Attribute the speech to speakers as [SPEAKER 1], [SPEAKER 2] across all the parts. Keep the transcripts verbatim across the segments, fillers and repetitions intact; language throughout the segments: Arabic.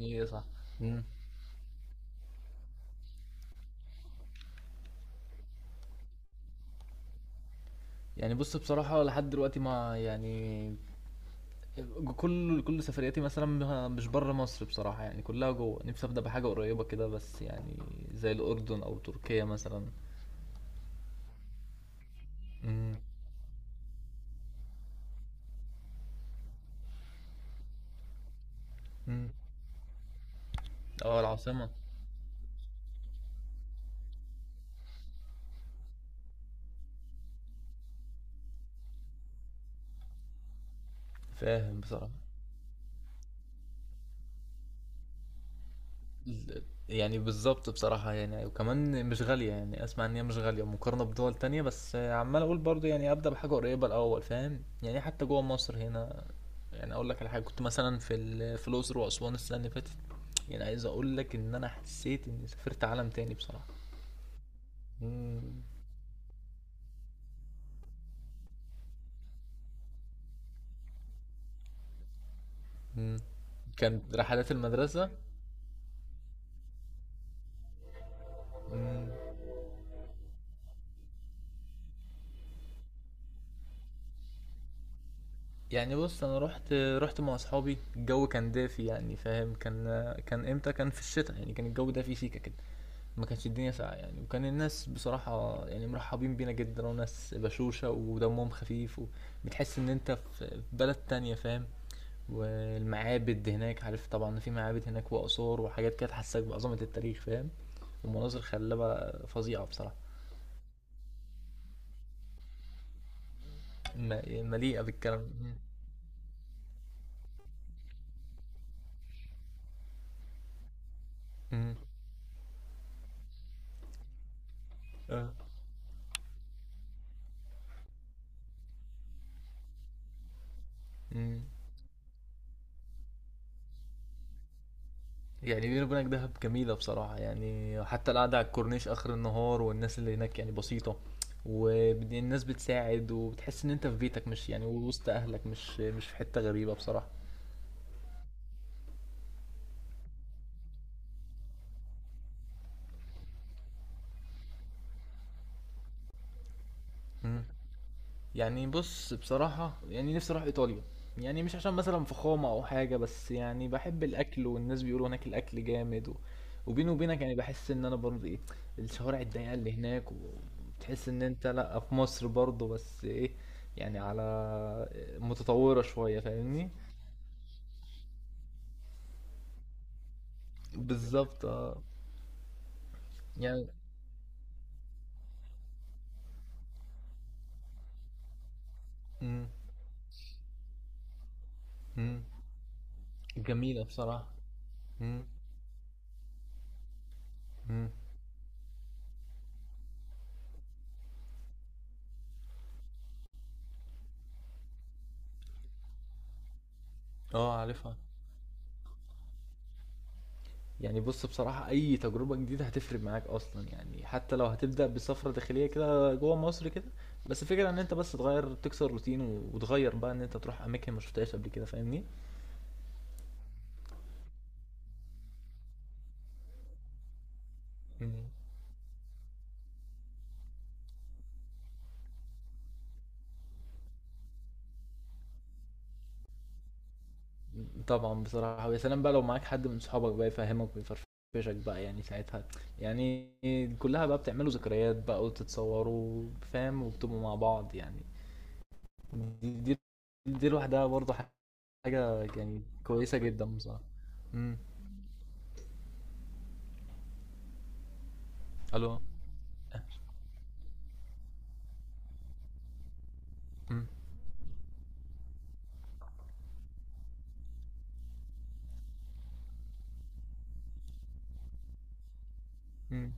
[SPEAKER 1] إيه صح. مم. يعني بص بصراحة لحد دلوقتي ما يعني كل كل سفرياتي مثلا مها- مش بره مصر بصراحة يعني كلها جوه نفسي أبدأ بحاجة قريبة كده بس يعني زي الأردن أو تركيا مثلا. مم. مم. اه العاصمة. فاهم بصراحة ال- يعني بالظبط بصراحة يعني وكمان مش غالية يعني أسمع إن هي مش غالية مقارنة بدول تانية بس عمال أقول برضو يعني أبدأ بحاجة قريبة الأول فاهم يعني حتى جوه مصر هنا. يعني اقول لك على حاجه كنت مثلا في ال- في الاقصر واسوان السنه اللي فاتت. يعني عايز اقول لك ان انا حسيت اني سافرت عالم تاني بصراحه. مم. مم. كانت رحلات المدرسه. مم. يعني بص انا رحت رحت مع اصحابي الجو كان دافي يعني فاهم كان كان امتى كان في الشتاء يعني كان الجو دافي سيكا كده. ما كانتش الدنيا ساقعه يعني وكان الناس بصراحه يعني مرحبين بينا جدا وناس بشوشه ودمهم خفيف. وبتحس ان انت في في بلد تانية فاهم. والمعابد هناك عارف طبعا في معابد هناك وآثار وحاجات كده تحسسك بعظمة التاريخ فاهم. ومناظر خلابة فظيعة بصراحة. م- مليئة بالكلام. مم. اه. مم. يعني بيني وبينك دهب جميلة بصراحة يعني حتى القعدة على الكورنيش آخر النهار والناس اللي هناك يعني بسيطة. والناس بتساعد وبتحس إن أنت في بيتك مش يعني وسط أهلك مش مش في حتة غريبة بصراحة. يعني بص بصراحة يعني نفسي اروح ايطاليا. يعني مش عشان مثلا فخامة او حاجة بس يعني بحب الاكل والناس بيقولوا هناك الاكل جامد و... وبيني وبينك يعني بحس ان انا برضه ايه. الشوارع الضيقة اللي هناك وتحس ان انت لا في مصر برضه بس ايه. يعني على متطورة شوية فاهمني. بالظبط اه. يعني مم. مم. جميلة بصراحة. مم. مم. اه عارفها. يعني بص بصراحة أي تجربة جديدة هتفرق معاك أصلا يعني حتى لو هتبدأ بسفرة داخلية كده جوه مصر كده. بس الفكرة إن أنت بس تغير تكسر روتين و- وتغير بقى إن أنت تروح أماكن ما شفتهاش قبل كده فاهمني؟ مم. طبعا بصراحة ويا سلام بقى لو معاك حد من صحابك بقى يفهمك ويفرفشك بقى يعني ساعتها. يعني كلها بقى بتعملوا ذكريات بقى وتتصوروا فاهم وبتبقوا مع بعض يعني. دي دي دي لوحدها برضه حاجة يعني كويسة جدا بصراحة. امم. الو. امم.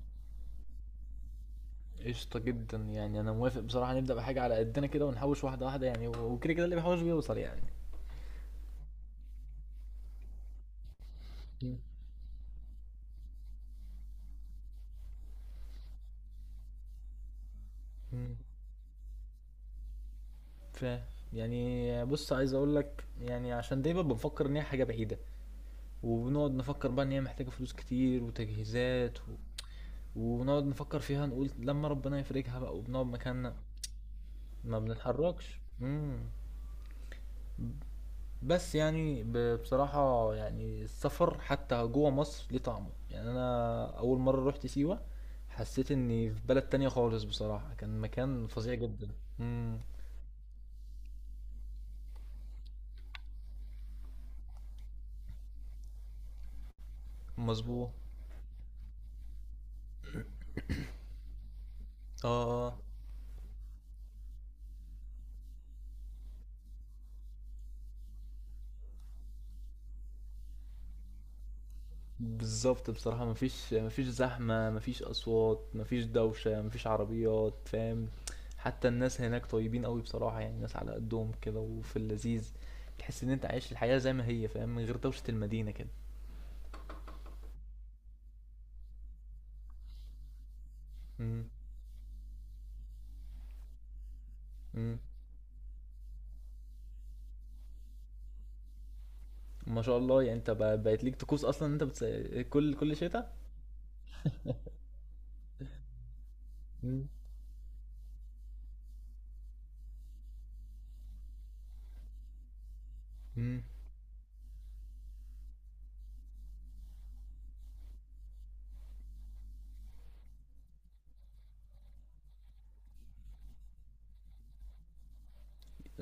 [SPEAKER 1] قشطة جدا يعني أنا موافق بصراحة نبدأ بحاجة على قدنا كده ونحوش واحدة واحدة يعني و- وكده كده اللي بيحوش بيوصل يعني. مم. مم. ف يعني بص عايز اقول لك يعني عشان دايما بنفكر ان هي حاجه بعيده. وبنقعد نفكر بقى ان هي محتاجه فلوس كتير وتجهيزات و. ونقعد نفكر فيها نقول لما ربنا يفرجها بقى وبنقعد مكاننا. ما بنتحركش. امم. بس يعني ب- بصراحة يعني السفر حتى جوه مصر ليه طعمه يعني أنا أول مرة روحت سيوة. حسيت إني في بلد تانية خالص بصراحة كان مكان فظيع جدا. مم. مظبوط. اه اه. بالظبط بصراحة مفيش مفيش زحمة مفيش أصوات مفيش دوشة مفيش عربيات فاهم. حتى الناس هناك طيبين قوي بصراحة يعني ناس على قدهم كده وفي اللذيذ. تحس إن أنت عايش الحياة زي ما هي فاهم من غير دوشة المدينة كده. مم. مم. ما شاء الله يعني انت بقى- بقت ليك طقوس اصلا إن انت بتس... كل كل شتاء. مم. امم.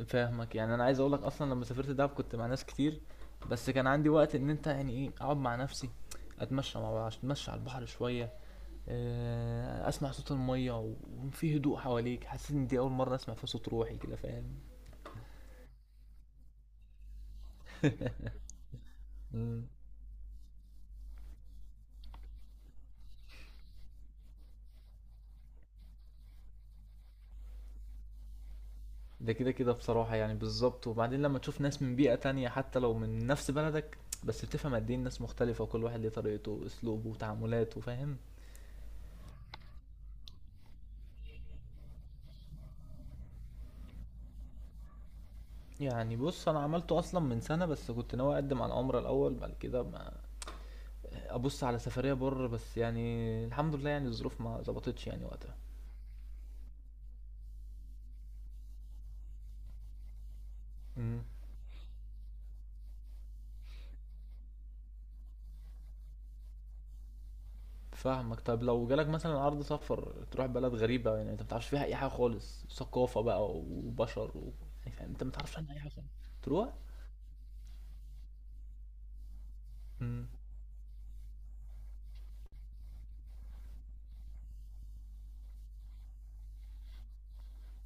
[SPEAKER 1] فاهمك يعني انا عايز اقول لك اصلا لما سافرت دهب كنت مع ناس كتير. بس كان عندي وقت ان انت يعني ايه اقعد مع نفسي. اتمشى مع بعض، اتمشى على البحر شويه. آه، اسمع صوت الميه و- وفي هدوء حواليك حسيت ان دي اول مره اسمع فيها صوت روحي كده فاهم. مم. ده كده كده بصراحه يعني بالظبط وبعدين لما تشوف ناس من بيئه تانية حتى لو من نفس بلدك. بس بتفهم قد ايه الناس مختلفه وكل واحد ليه طريقته واسلوبه وتعاملاته فاهم. يعني بُص، أنا عملته أصلًا من سَنة، بس كنت ناوي أقدّم على العُمرة الأول، بعد كده ما أبُص على سفرية برّه، بس يعني الحمد لله يعني الظروف ما ضبطتش يعني وقتها. إمم. فاهمك، طب لو جالك مثلًا عرض سفر تروح بلد غريبة يعني أنت ما تعرفش فيها أي حاجة خالص، ثقافة بقى وبشر و يعني أنت ما تعرفش عنها أي حاجة خالص، تروح؟ إمم.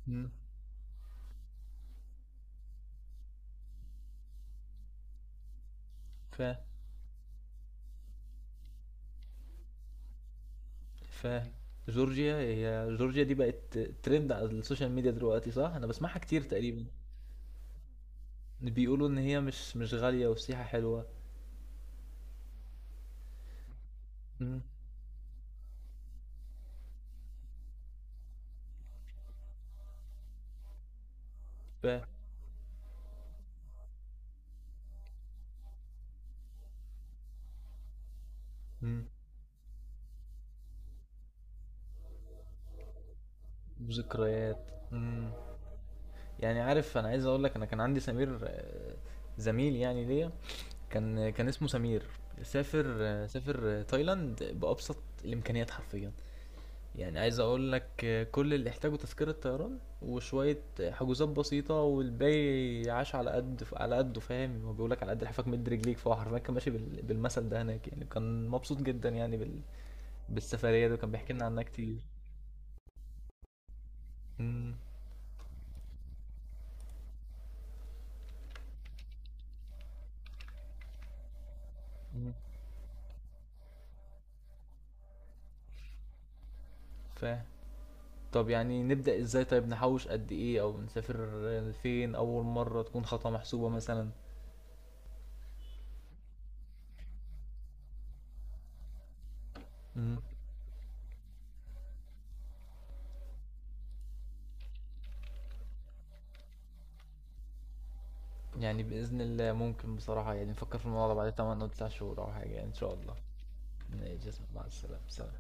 [SPEAKER 1] إمم. فاهم. فاهم. جورجيا هي جورجيا دي بقت trend على الsocial media دلوقتي صح؟ أنا باسمعها كتير تقريبًا، بيقولوا إن هي مش مش غالية والسياحة حلوة. إمم. ب- مم. وذكريات. مم. يعني عارف انا عايز اقول لك انا كان عندي سمير آه، زميل يعني ليا كان كان اسمه سمير. سافر آه، سافر آه، تايلاند بابسط الامكانيات حرفيا. يعني عايز اقول لك آه، كل اللي احتاجه تذكرة طيران وشوية آه، حجوزات بسيطة والباقي عاش على قد على قده فاهم هو بيقول لك على قد لحافك مد رجليك فهو حرفيا كان ماشي بال- بالمثل ده هناك يعني كان مبسوط جدا يعني بال... بالسفرية دي وكان بيحكي لنا عنها كتير. مم. مم. فاهم. طب يعني نبدأ ازاي طيب نحوش قد ايه او نسافر فين اول مرة تكون خطوة محسوبة مثلا؟ مم. يعني بإذن الله ممكن بصراحة يعني نفكر في الموضوع ده بعد ثمانية او تسعة شهور او حاجة يعني ان شاء الله. ماشي يا اسطى، مع السلامة سلام.